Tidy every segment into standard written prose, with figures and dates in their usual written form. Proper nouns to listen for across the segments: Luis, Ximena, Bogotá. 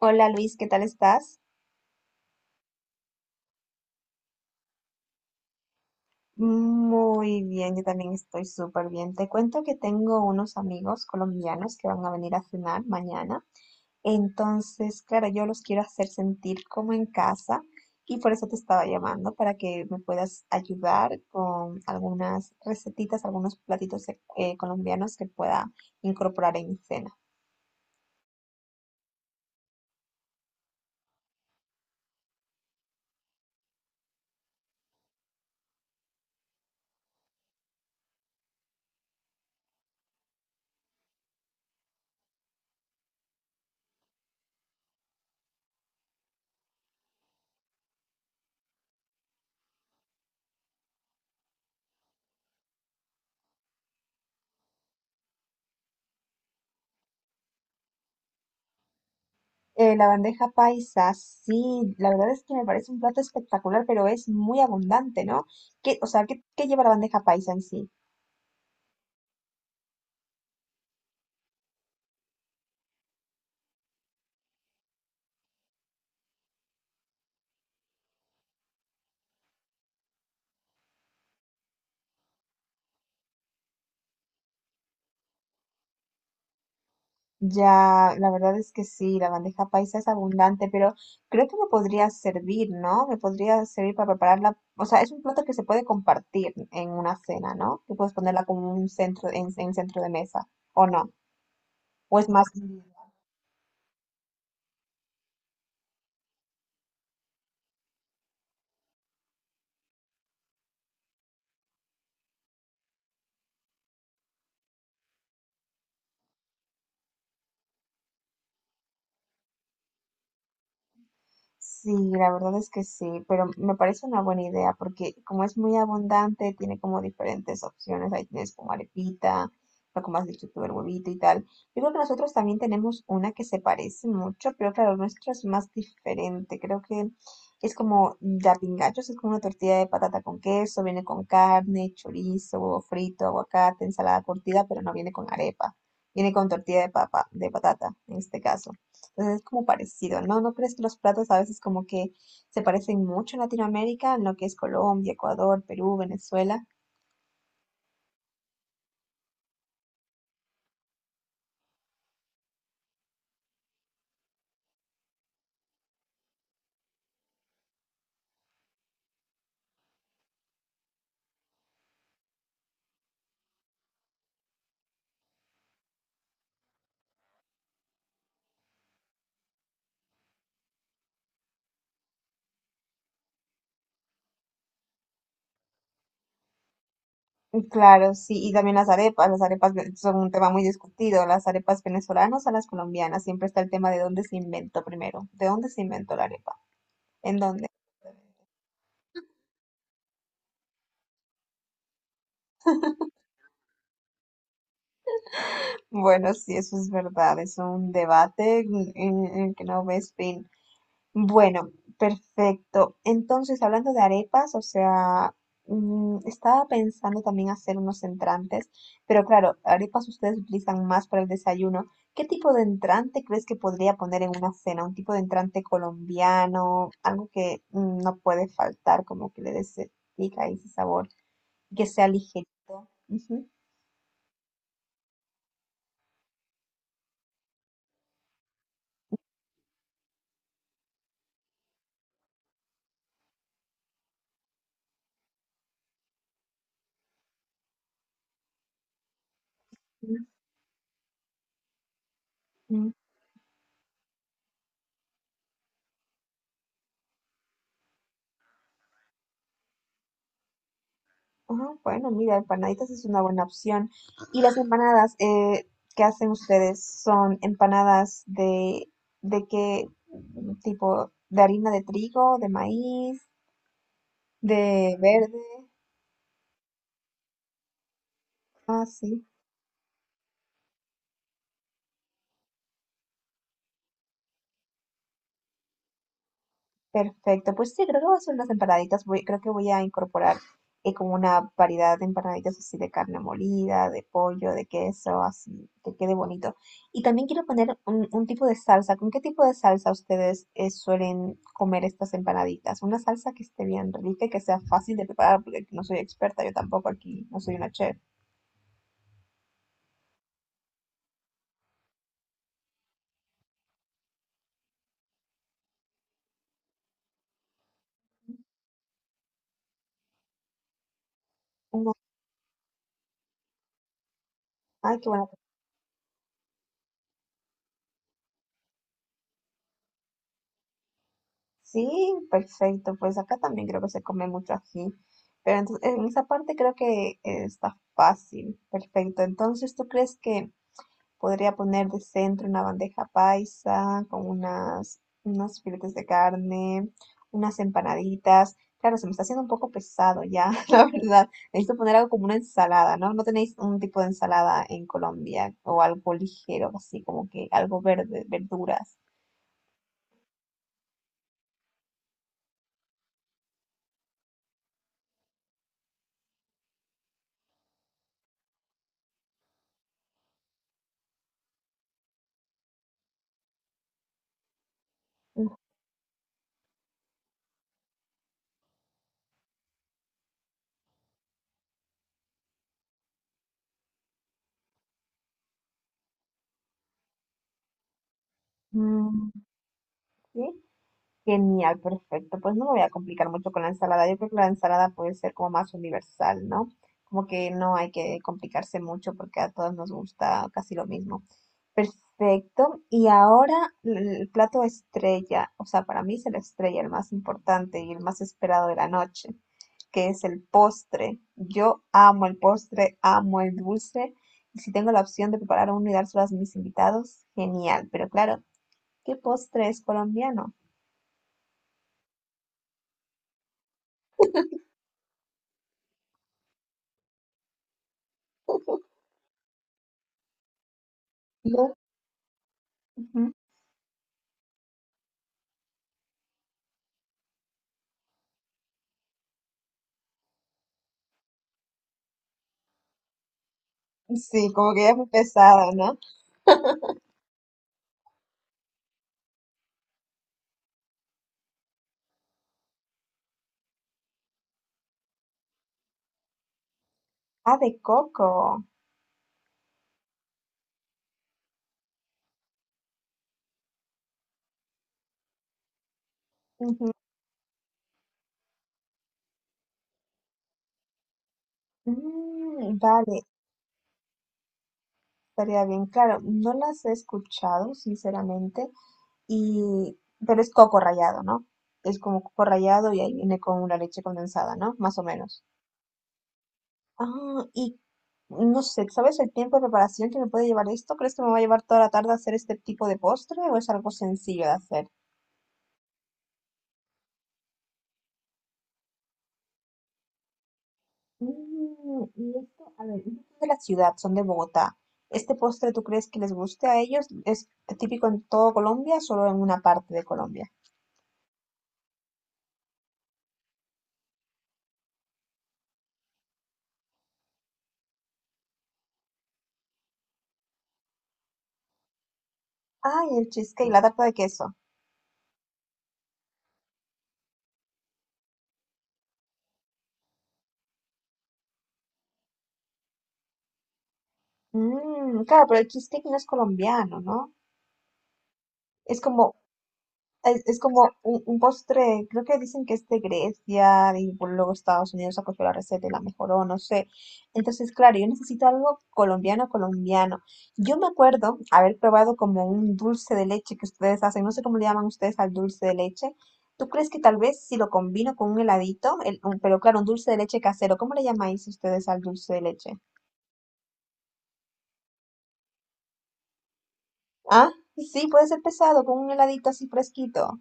Hola Luis, ¿qué tal estás? Muy bien, yo también estoy súper bien. Te cuento que tengo unos amigos colombianos que van a venir a cenar mañana. Entonces, claro, yo los quiero hacer sentir como en casa y por eso te estaba llamando para que me puedas ayudar con algunas recetitas, algunos platitos colombianos que pueda incorporar en mi cena. La bandeja paisa, sí, la verdad es que me parece un plato espectacular, pero es muy abundante, ¿no? ¿O sea, qué lleva la bandeja paisa en sí? Ya, la verdad es que sí, la bandeja paisa es abundante, pero creo que me podría servir, ¿no? Me podría servir para prepararla. O sea, es un plato que se puede compartir en una cena, ¿no? Tú puedes ponerla como un centro, en centro de mesa, ¿o no? ¿O es más? Sí, la verdad es que sí, pero me parece una buena idea porque como es muy abundante, tiene como diferentes opciones. Ahí tienes como arepita, lo como has dicho tú, el huevito y tal. Yo creo que nosotros también tenemos una que se parece mucho, pero claro, nuestra es más diferente. Creo que es como la pingachos, es como una tortilla de patata con queso, viene con carne, chorizo, huevo frito, aguacate, ensalada curtida, pero no viene con arepa. Viene con tortilla de papa, de patata en este caso es como parecido, ¿no? ¿No crees que los platos a veces como que se parecen mucho en Latinoamérica, en lo que es Colombia, Ecuador, Perú, Venezuela? Claro, sí, y también las arepas, son un tema muy discutido, las arepas venezolanas a las colombianas, siempre está el tema de dónde se inventó primero, de dónde se inventó la arepa, en dónde. Bueno, sí, eso es verdad, es un debate en el que no ves fin. Bueno, perfecto. Entonces, hablando de arepas, o sea, estaba pensando también hacer unos entrantes, pero claro, arepas ustedes utilizan más para el desayuno. ¿Qué tipo de entrante crees que podría poner en una cena? ¿Un tipo de entrante colombiano? Algo que no puede faltar, como que le dé ese pica y ese sabor, que sea ligerito. Ujú. Ah, bueno, mira, empanaditas es una buena opción. ¿Y las empanadas que hacen ustedes son empanadas de qué tipo? ¿De harina de trigo, de maíz, de verde? Ah, sí. Perfecto, pues sí, creo que voy a hacer unas empanaditas, voy, creo que voy a incorporar como una variedad de empanaditas así de carne molida, de pollo, de queso, así, que quede bonito. Y también quiero poner un tipo de salsa. ¿Con qué tipo de salsa ustedes suelen comer estas empanaditas? Una salsa que esté bien rica y que sea fácil de preparar, porque no soy experta, yo tampoco aquí no soy una chef. Una- ay, qué buena. Sí, perfecto. Pues acá también creo que se come mucho ají. Pero entonces, en esa parte creo que está fácil. Perfecto. Entonces, ¿tú crees que podría poner de centro una bandeja paisa con unas, unos filetes de carne, unas empanaditas? Claro, se me está haciendo un poco pesado ya, la verdad. Necesito poner algo como una ensalada, ¿no? ¿No tenéis un tipo de ensalada en Colombia o algo ligero, así como que algo verde, verduras? Mm. ¿Sí? Genial, perfecto. Pues no me voy a complicar mucho con la ensalada. Yo creo que la ensalada puede ser como más universal, ¿no? Como que no hay que complicarse mucho porque a todos nos gusta casi lo mismo. Perfecto. Y ahora el plato estrella, o sea, para mí es el estrella, el más importante y el más esperado de la noche, que es el postre. Yo amo el postre, amo el dulce. Y si tengo la opción de preparar uno y dárselo a mis invitados, genial. Pero claro, ¿qué postre es colombiano? No. Ujú. Sí, como que ya fue pesado, ¿no? Ah, de coco. Ujú. Mm, vale, estaría bien. Claro, no las he escuchado, sinceramente, y... pero es coco rallado, ¿no? Es como coco rallado y ahí viene con una leche condensada, ¿no? Más o menos. Ah, y no sé, ¿sabes el tiempo de preparación que me puede llevar esto? ¿Crees que me va a llevar toda la tarde hacer este tipo de postre o es algo sencillo de hacer? Mm, y esto, a ver, ellos son de la ciudad, son de Bogotá. ¿Este postre tú crees que les guste a ellos? ¿Es típico en todo Colombia, o solo en una parte de Colombia? Ay, el cheesecake, la tarta de queso. Mm, claro, pero el cheesecake no es colombiano, ¿no? Es como. Es como un postre, creo que dicen que es de Grecia y por luego Estados Unidos acogió la receta y la mejoró, no sé. Entonces, claro, yo necesito algo colombiano, colombiano. Yo me acuerdo haber probado como un dulce de leche que ustedes hacen, no sé cómo le llaman ustedes al dulce de leche. ¿Tú crees que tal vez si lo combino con un heladito, pero claro, un dulce de leche casero, ¿cómo le llamáis ustedes al dulce de leche? Ah, sí, puede ser pesado, con un heladito así fresquito.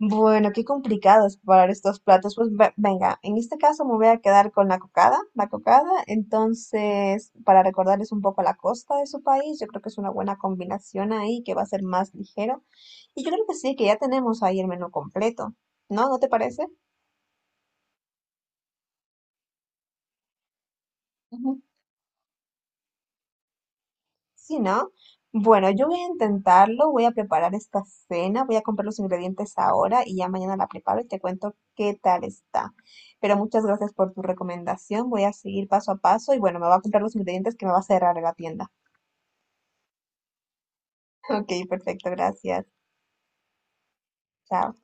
Bueno, qué complicado es preparar estos platos. Pues venga, en este caso me voy a quedar con la cocada. La cocada, entonces, para recordarles un poco la costa de su país, yo creo que es una buena combinación ahí, que va a ser más ligero. Y yo creo que sí, que ya tenemos ahí el menú completo, ¿no? ¿No te parece? Sí, ¿no? Bueno, yo voy a intentarlo, voy a preparar esta cena, voy a comprar los ingredientes ahora y ya mañana la preparo y te cuento qué tal está. Pero muchas gracias por tu recomendación, voy a seguir paso a paso y bueno, me va a comprar los ingredientes que me va a cerrar la tienda. Ok, perfecto, gracias. Chao.